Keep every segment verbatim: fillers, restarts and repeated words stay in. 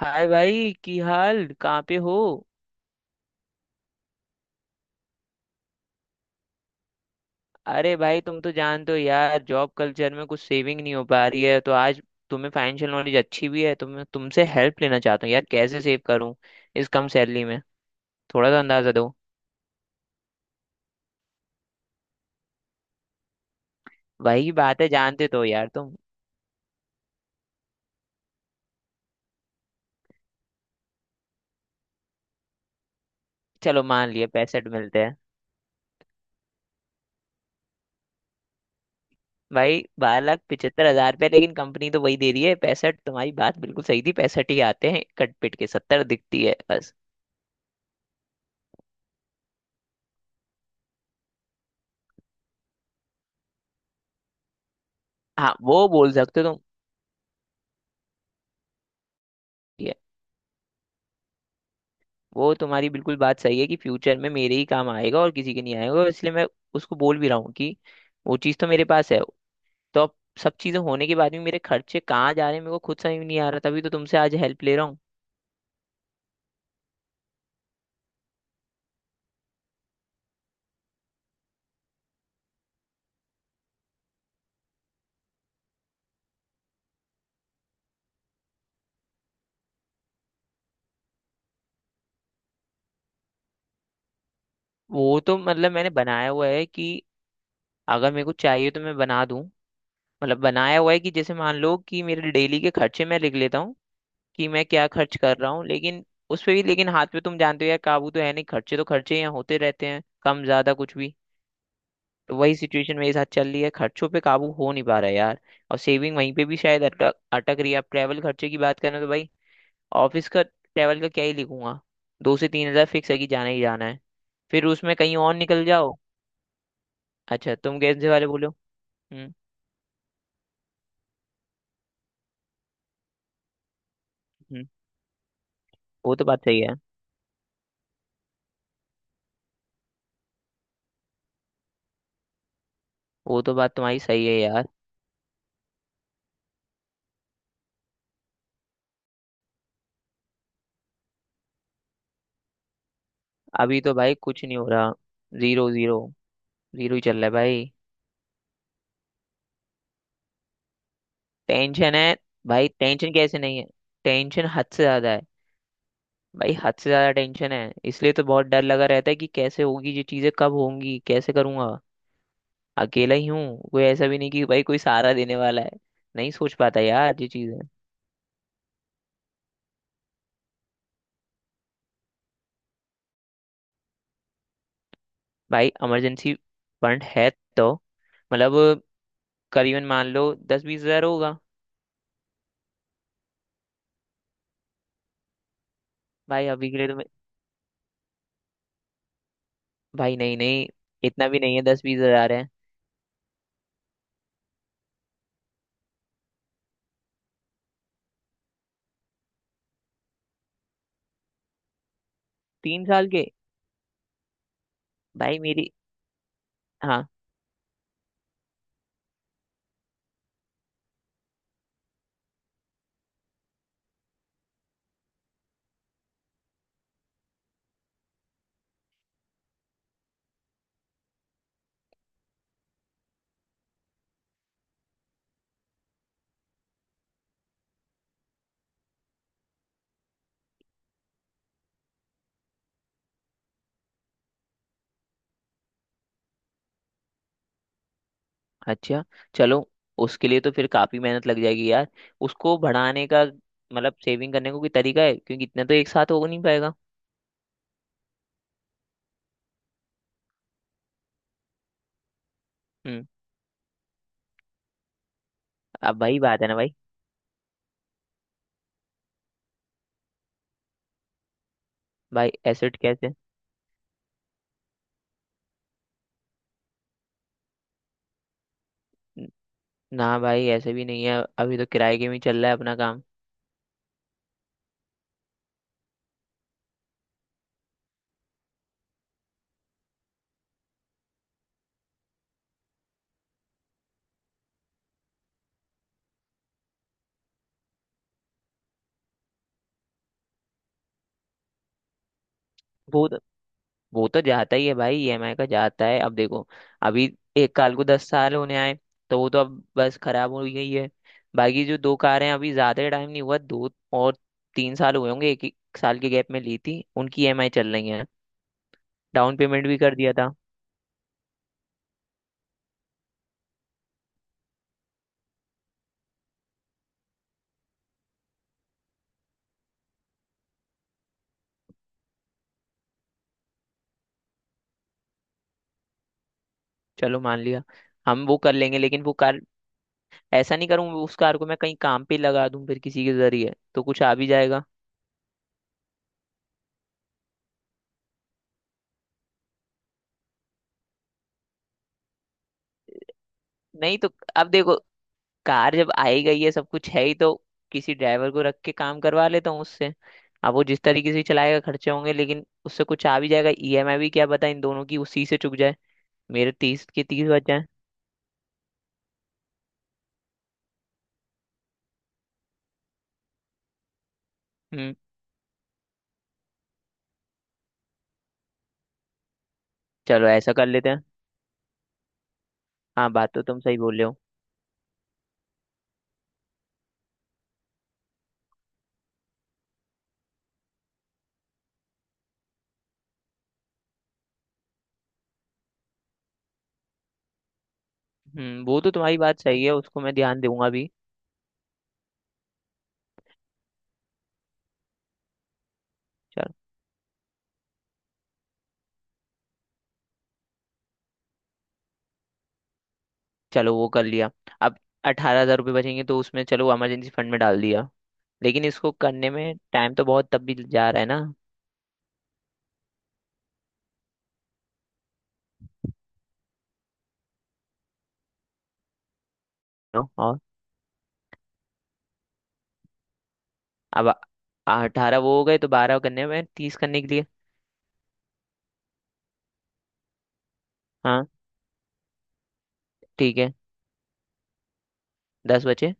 हाय भाई, की हाल कहाँ पे हो? अरे भाई तुम तो जानते हो यार, जॉब कल्चर में कुछ सेविंग नहीं हो पा रही है, तो आज तुम्हें फाइनेंशियल नॉलेज अच्छी भी है, तो मैं तुमसे हेल्प लेना चाहता हूँ यार, कैसे सेव करूँ इस कम सैलरी में। थोड़ा सा अंदाजा दो। वही बात है, जानते तो हो यार तुम। चलो मान लिया, पैंसठ मिलते हैं। भाई बारह लाख पिचहत्तर हजार रुपये, लेकिन कंपनी तो वही दे रही है, पैंसठ। तुम्हारी बात बिल्कुल सही थी, पैंसठ ही आते हैं, कट पिट के सत्तर दिखती है बस। हाँ, वो बोल सकते हो तुम। वो तुम्हारी बिल्कुल बात सही है कि फ्यूचर में मेरे ही काम आएगा और किसी के नहीं आएगा, और इसलिए मैं उसको बोल भी रहा हूँ कि वो चीज़ तो मेरे पास है। तो अब सब चीज़ें होने के बाद भी मेरे खर्चे कहाँ जा रहे हैं मेरे को खुद समझ में नहीं आ रहा, तभी तो तुमसे आज हेल्प ले रहा हूँ। वो तो मतलब मैंने बनाया हुआ है कि अगर मेरे को चाहिए तो मैं बना दूँ। मतलब बनाया हुआ है कि जैसे मान लो कि मेरे डेली के खर्चे मैं लिख लेता हूँ कि मैं क्या खर्च कर रहा हूँ, लेकिन उस पे भी लेकिन हाथ पे तो तुम जानते हो यार, काबू तो है नहीं, खर्चे तो खर्चे यहाँ होते रहते हैं कम ज्यादा कुछ भी। तो वही सिचुएशन मेरे साथ चल रही है, खर्चों पे काबू हो नहीं पा रहा है यार। और सेविंग वहीं पे भी शायद अटक अटक रही है। अब ट्रैवल खर्चे की बात करें तो भाई ऑफिस का ट्रैवल का क्या ही लिखूंगा, दो से तीन हजार फिक्स है कि जाना ही जाना है, फिर उसमें कहीं और निकल जाओ। अच्छा, तुम कैसे वाले बोलो। हम्म। हम्म, वो तो बात सही है। वो तो बात तुम्हारी सही है यार। अभी तो भाई कुछ नहीं हो रहा। Zero zero. जीरो ही चल रहा है भाई। टेंशन है। भाई टेंशन कैसे नहीं है? टेंशन हद से ज्यादा है। भाई हद से ज्यादा टेंशन है, इसलिए तो बहुत डर लगा रहता है कि कैसे होगी ये चीजें, कब होंगी, कैसे करूंगा। अकेला ही हूँ, कोई ऐसा भी नहीं कि भाई कोई सहारा देने वाला है। नहीं सोच पाता यार ये चीजें। भाई इमरजेंसी फंड है तो मतलब करीबन मान लो दस बीस हजार होगा। भाई अभी के लिए तो मैं-। भाई नहीं नहीं, इतना भी नहीं है, दस बीस हजार है। तीन साल के? भाई मेरी। हाँ। अच्छा। चलो। उसके लिए तो फिर काफी मेहनत लग जाएगी यार। उसको बढ़ाने का मतलब सेविंग करने को कोई तरीका है, क्योंकि इतना तो एक साथ हो नहीं पाएगा। हम्म। अब वही बात है ना भाई। भाई एसेट कैसे? न- ना भाई ऐसे भी नहीं है, अभी तो किराए के में ही चल रहा है अपना काम। वो तो वो तो जाता ही है भाई, ईएमआई का जाता है। अब देखो अभी एक कार को दस साल होने आए, तो वो तो अब बस खराब हो गई है। बाकी जो दो कारें हैं, अभी ज्यादा टाइम नहीं हुआ, दो और तीन साल हुए होंगे, एक एक साल के गैप में ली थी, उनकी ईएमआई चल रही है। डाउन पेमेंट भी कर दिया था। चलो मान लिया, हम वो कर लेंगे, लेकिन वो कार ऐसा नहीं करूँ उस कार को मैं कहीं काम पे लगा दूं, फिर किसी के जरिए तो कुछ आ भी जाएगा। नहीं तो अब देखो, कार जब आई गई है सब कुछ है ही, तो किसी ड्राइवर को रख के काम करवा लेता हूँ उससे। अब वो जिस तरीके से चलाएगा खर्चे होंगे, लेकिन उससे कुछ आ भी जाएगा, ईएमआई भी क्या पता इन दोनों की उसी से चुक जाए, मेरे तीस के तीस बच जाए। हम्म। चलो ऐसा कर लेते हैं। हाँ, बात तो तुम सही बोल रहे हो। हम्म वो तो तुम्हारी बात सही है, उसको मैं ध्यान दूंगा भी। चलो वो कर लिया। अब अठारह हजार रुपये बचेंगे, तो उसमें चलो इमरजेंसी फंड में डाल दिया, लेकिन इसको करने में टाइम तो बहुत तब भी जा रहा है ना। नो? और अब अठारह वो हो गए, तो बारह करने में तीस करने के लिए। हाँ। ठीक है, दस बचे।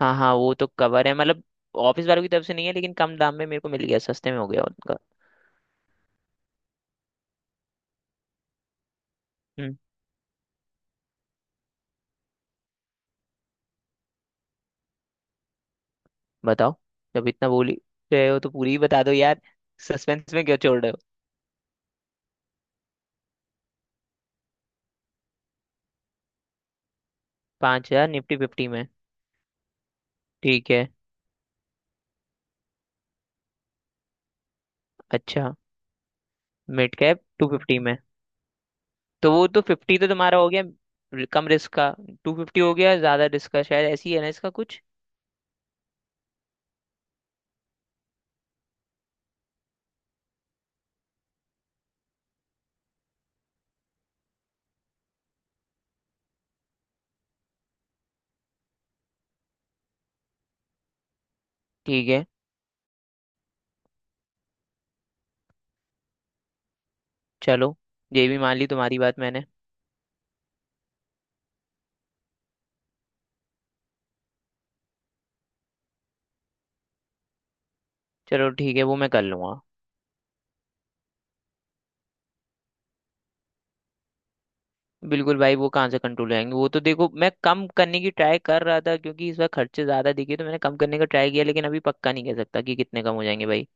हाँ हाँ, वो तो कवर है मतलब। ऑफिस वालों की तरफ से नहीं है, लेकिन कम दाम में मेरे को मिल गया, सस्ते में हो गया उनका। हम्म। बताओ, जब इतना बोल ही रहे हो तो पूरी ही बता दो यार, सस्पेंस में क्यों छोड़ रहे हो। पाँच हजार निफ्टी फिफ्टी में। ठीक है। अच्छा। मिड कैप टू फिफ्टी में? तो वो तो फिफ्टी तो तुम्हारा हो गया, रि- कम रिस्क का। टू फिफ्टी हो गया ज्यादा रिस्क का, शायद ऐसी है ना इसका कुछ। ठीक है। चलो ये भी मान ली तुम्हारी बात मैंने। चलो ठीक है, वो मैं कर लूंगा। बिल्कुल भाई, वो कहाँ से कंट्रोल रहेंगे? वो तो देखो मैं कम करने की ट्राई कर रहा था, क्योंकि इस बार खर्चे ज्यादा दिखे तो मैंने कम करने का ट्राई किया, लेकिन अभी पक्का नहीं कह सकता कि कितने कम हो जाएंगे भाई।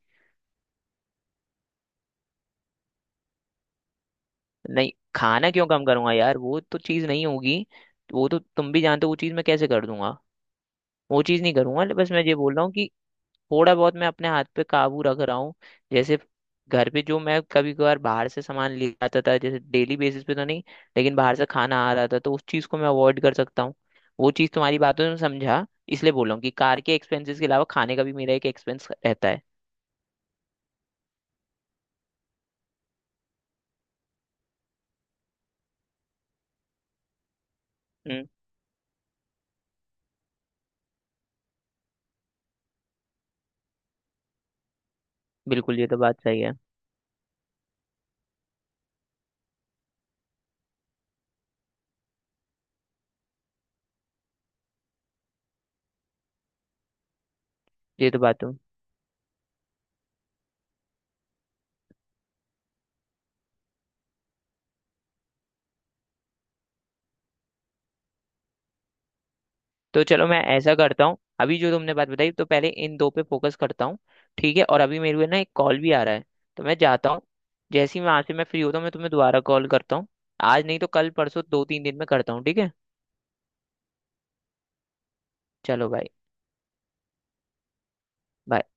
नहीं, खाना क्यों कम करूंगा यार, वो तो चीज़ नहीं होगी। वो तो तुम भी जानते हो वो चीज़ मैं कैसे कर दूंगा। वो चीज़ नहीं करूंगा, बस मैं ये बोल रहा हूँ। थोड़ा बहुत मैं अपने हाथ पे काबू रख रहा हूँ। जैसे घर पे जो मैं कभी कभार बाहर से सामान ले आता था, जैसे डेली बेसिस पे तो नहीं, लेकिन बाहर से खाना आ रहा था तो उस चीज़ को मैं अवॉइड कर सकता हूँ। वो चीज़ तुम्हारी बातों में समझा, इसलिए बोल रहा हूँ कि कार के एक्सपेंसेस के अलावा खाने का भी मेरा एक एक्सपेंस रहता है। हम्म। बिल्कुल, ये तो बात सही है। ये तो बात तुम। तो चलो मैं ऐसा करता हूँ, अभी जो तुमने बात बताई तो पहले इन दो पे फोकस करता हूँ। ठीक है, और अभी मेरे को ना एक कॉल भी आ रहा है, तो मैं जाता हूँ। जैसे ही वहां से मैं फ्री होता हूँ, मैं तुम्हें दोबारा कॉल करता हूँ। आज नहीं तो कल परसों दो तीन दिन में करता हूँ, ठीक है। चलो भाई। bye।